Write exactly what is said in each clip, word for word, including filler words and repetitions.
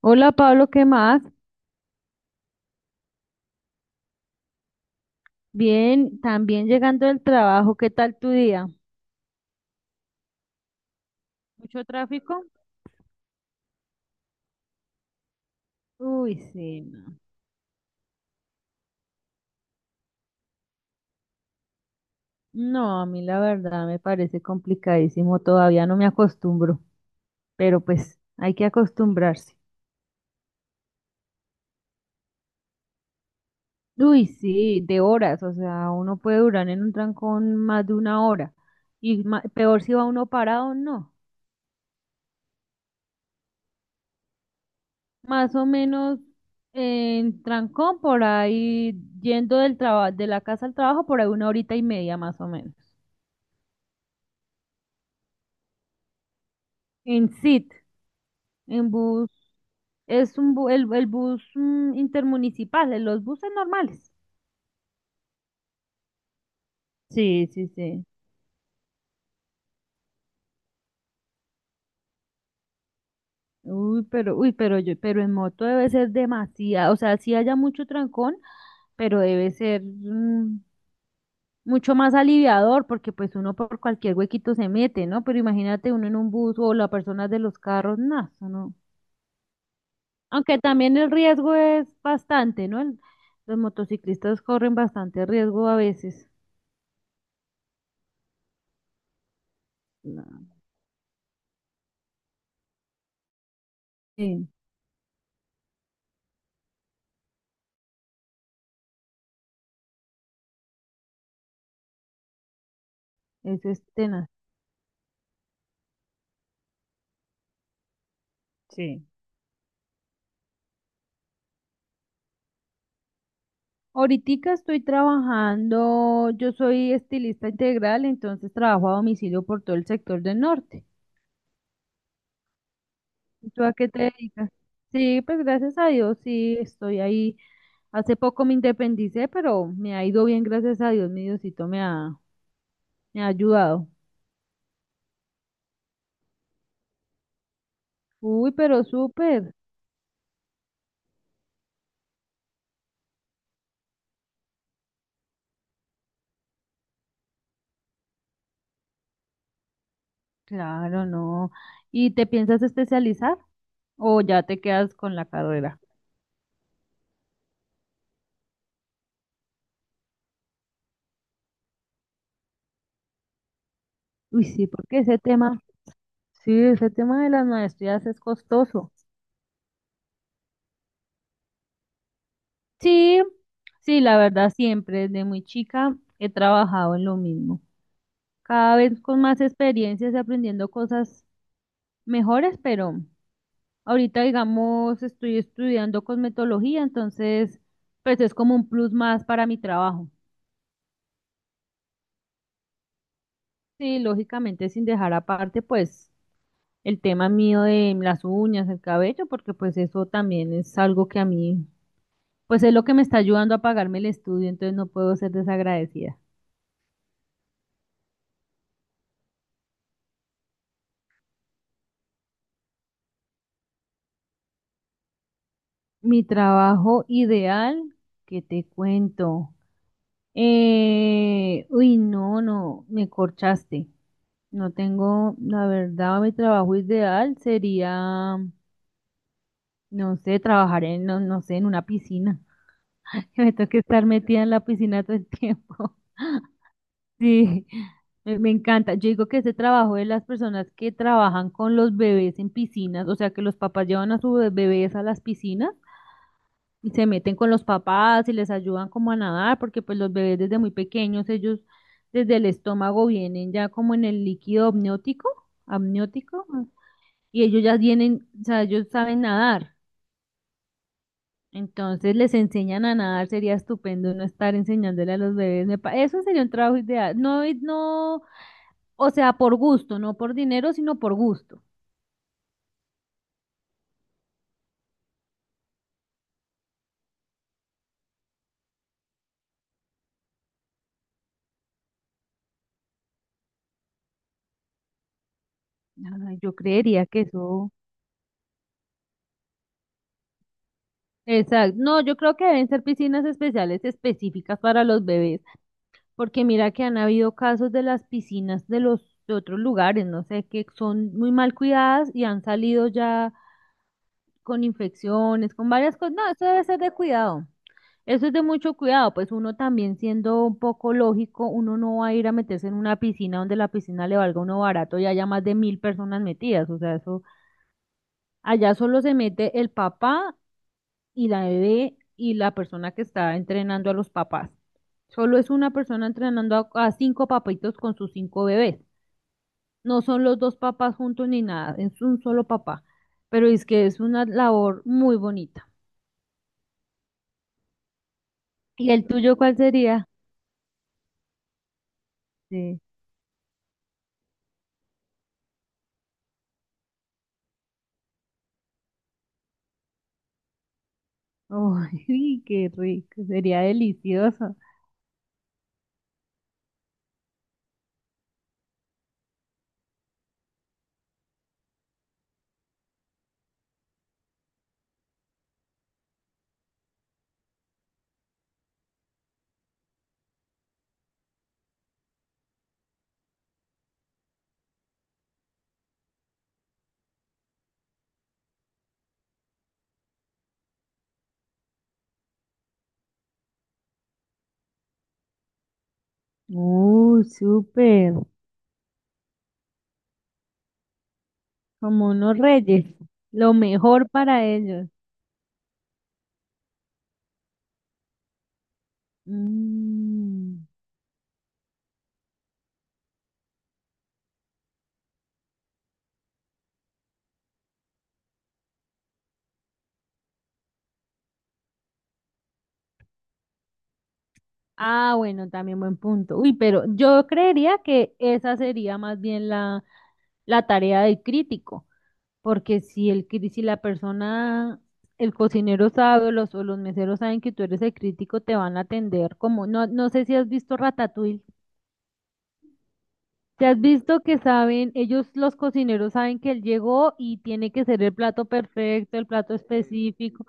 Hola Pablo, ¿qué más? Bien, también llegando del trabajo, ¿qué tal tu día? ¿Mucho tráfico? Uy, sí, no. No, a mí la verdad me parece complicadísimo, todavía no me acostumbro, pero pues hay que acostumbrarse. Uy, sí, de horas, o sea, uno puede durar en un trancón más de una hora y ma- peor si va uno parado, no. Más o menos en trancón por ahí, yendo del trabajo, de la casa al trabajo, por ahí una horita y media más o menos. En S I T, en bus, es un bu- el, el bus mm, intermunicipal, en los buses normales. Sí, sí, sí. Uy, pero, uy, pero yo, pero en moto debe ser demasiado, o sea, sí haya mucho trancón, pero debe ser mm, mucho más aliviador, porque pues uno por cualquier huequito se mete, ¿no? Pero imagínate uno en un bus o la persona de los carros, nada, no. Aunque también el riesgo es bastante, ¿no? El- los motociclistas corren bastante riesgo a veces. No. Sí. Es tenaz. Sí. Ahoritica estoy trabajando, yo soy estilista integral, entonces trabajo a domicilio por todo el sector del norte. ¿Y tú a qué te dedicas? Sí, pues gracias a Dios, sí, estoy ahí. Hace poco me independicé, pero me ha ido bien, gracias a Dios, mi Diosito me ha, me ha ayudado. Uy, pero súper, claro, no. ¿Y te piensas especializar o ya te quedas con la carrera? Uy, sí, porque ese tema, sí, ese tema de las maestrías es costoso. Sí, sí, la verdad siempre desde muy chica he trabajado en lo mismo. Cada vez con más experiencias y aprendiendo cosas mejores, pero ahorita digamos estoy estudiando cosmetología, entonces pues es como un plus más para mi trabajo. Sí, lógicamente sin dejar aparte pues el tema mío de las uñas, el cabello, porque pues eso también es algo que a mí pues es lo que me está ayudando a pagarme el estudio, entonces no puedo ser desagradecida. Mi trabajo ideal, ¿qué te cuento? Eh, uy, no, no, me corchaste. No tengo, la verdad, mi trabajo ideal sería, no sé, trabajar en, no, no sé, en una piscina. Que me toque estar metida en la piscina todo el tiempo. Sí, me, me encanta. Yo digo que ese trabajo de las personas que trabajan con los bebés en piscinas, o sea, que los papás llevan a sus bebés a las piscinas. Y se meten con los papás y les ayudan como a nadar, porque pues los bebés desde muy pequeños, ellos desde el estómago vienen ya como en el líquido amniótico, amniótico, y ellos ya vienen, o sea, ellos saben nadar. Entonces les enseñan a nadar, sería estupendo no estar enseñándole a los bebés. me pa- Eso sería un trabajo ideal. No, y no, o sea, por gusto, no por dinero, sino por gusto. Ay, yo creería que eso. Exacto. No, yo creo que deben ser piscinas especiales específicas para los bebés. Porque mira que han habido casos de las piscinas de los de otros lugares, no sé, que son muy mal cuidadas y han salido ya con infecciones, con varias cosas. No, eso debe ser de cuidado. Eso es de mucho cuidado, pues uno también siendo un poco lógico, uno no va a ir a meterse en una piscina donde la piscina le valga a uno barato y haya más de mil personas metidas. O sea, eso allá solo se mete el papá y la bebé y la persona que está entrenando a los papás. Solo es una persona entrenando a, a cinco papitos con sus cinco bebés. No son los dos papás juntos ni nada, es un solo papá. Pero es que es una labor muy bonita. ¿Y el tuyo cuál sería? Sí. Uy, qué rico, sería delicioso. Uh, súper, como unos reyes, lo mejor para ellos. Mm. Ah, bueno, también buen punto. Uy, pero yo creería que esa sería más bien la, la, tarea del crítico, porque si el cri- si la persona, el cocinero sabe o los, o los meseros saben que tú eres el crítico, te van a atender como, no, no sé si has visto Ratatouille. ¿Te has visto que saben, ellos los cocineros saben que él llegó y tiene que ser el plato perfecto, el plato específico?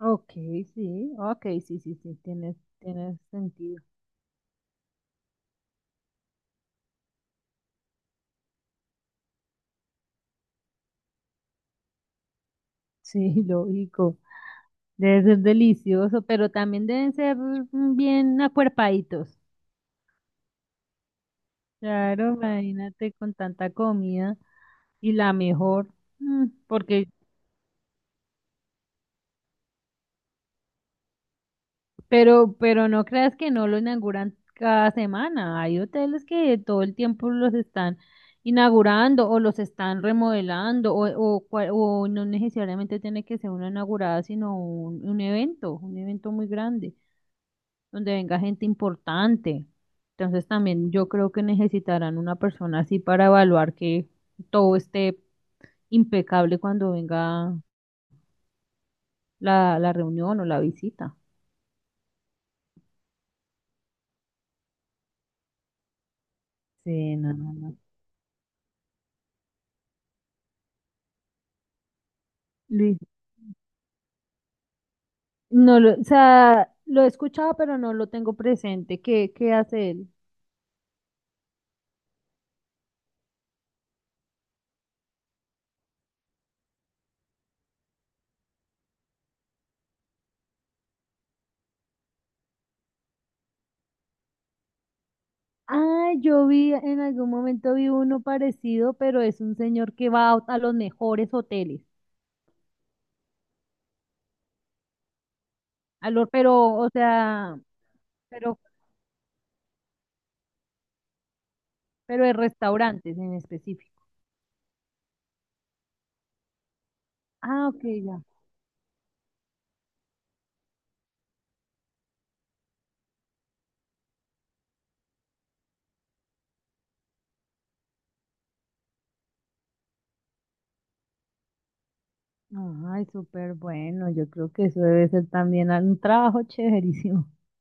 Ok, sí, ok, sí, sí, sí, tienes, tienes sentido. Sí, lógico. Debe ser delicioso, pero también deben ser mm, bien acuerpaditos. Claro, imagínate con tanta comida y la mejor, mm, porque, pero, pero no creas que no lo inauguran cada semana. Hay hoteles que todo el tiempo los están inaugurando o los están remodelando o, o, cua- o no necesariamente tiene que ser una inaugurada, sino un, un evento, un evento muy grande. Donde venga gente importante. Entonces también yo creo que necesitarán una persona así para evaluar que todo esté impecable cuando venga la, la, reunión o la visita. Sí, no, no, no. Luis. No lo, o sea, lo he escuchado, pero no lo tengo presente. ¿Qué, qué hace él? Ah, yo vi, en algún momento vi uno parecido, pero es un señor que va a, a los mejores hoteles, a los, pero, o sea, pero, pero de restaurantes en específico. Ah, ok, ya. Ay, súper bueno. Yo creo que eso debe ser también un trabajo chéverísimo.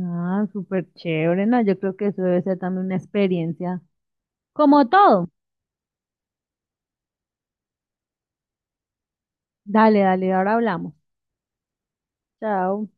Ah, súper chévere. No, yo creo que eso debe ser también una experiencia. Como todo. Dale, dale, ahora hablamos. Chao.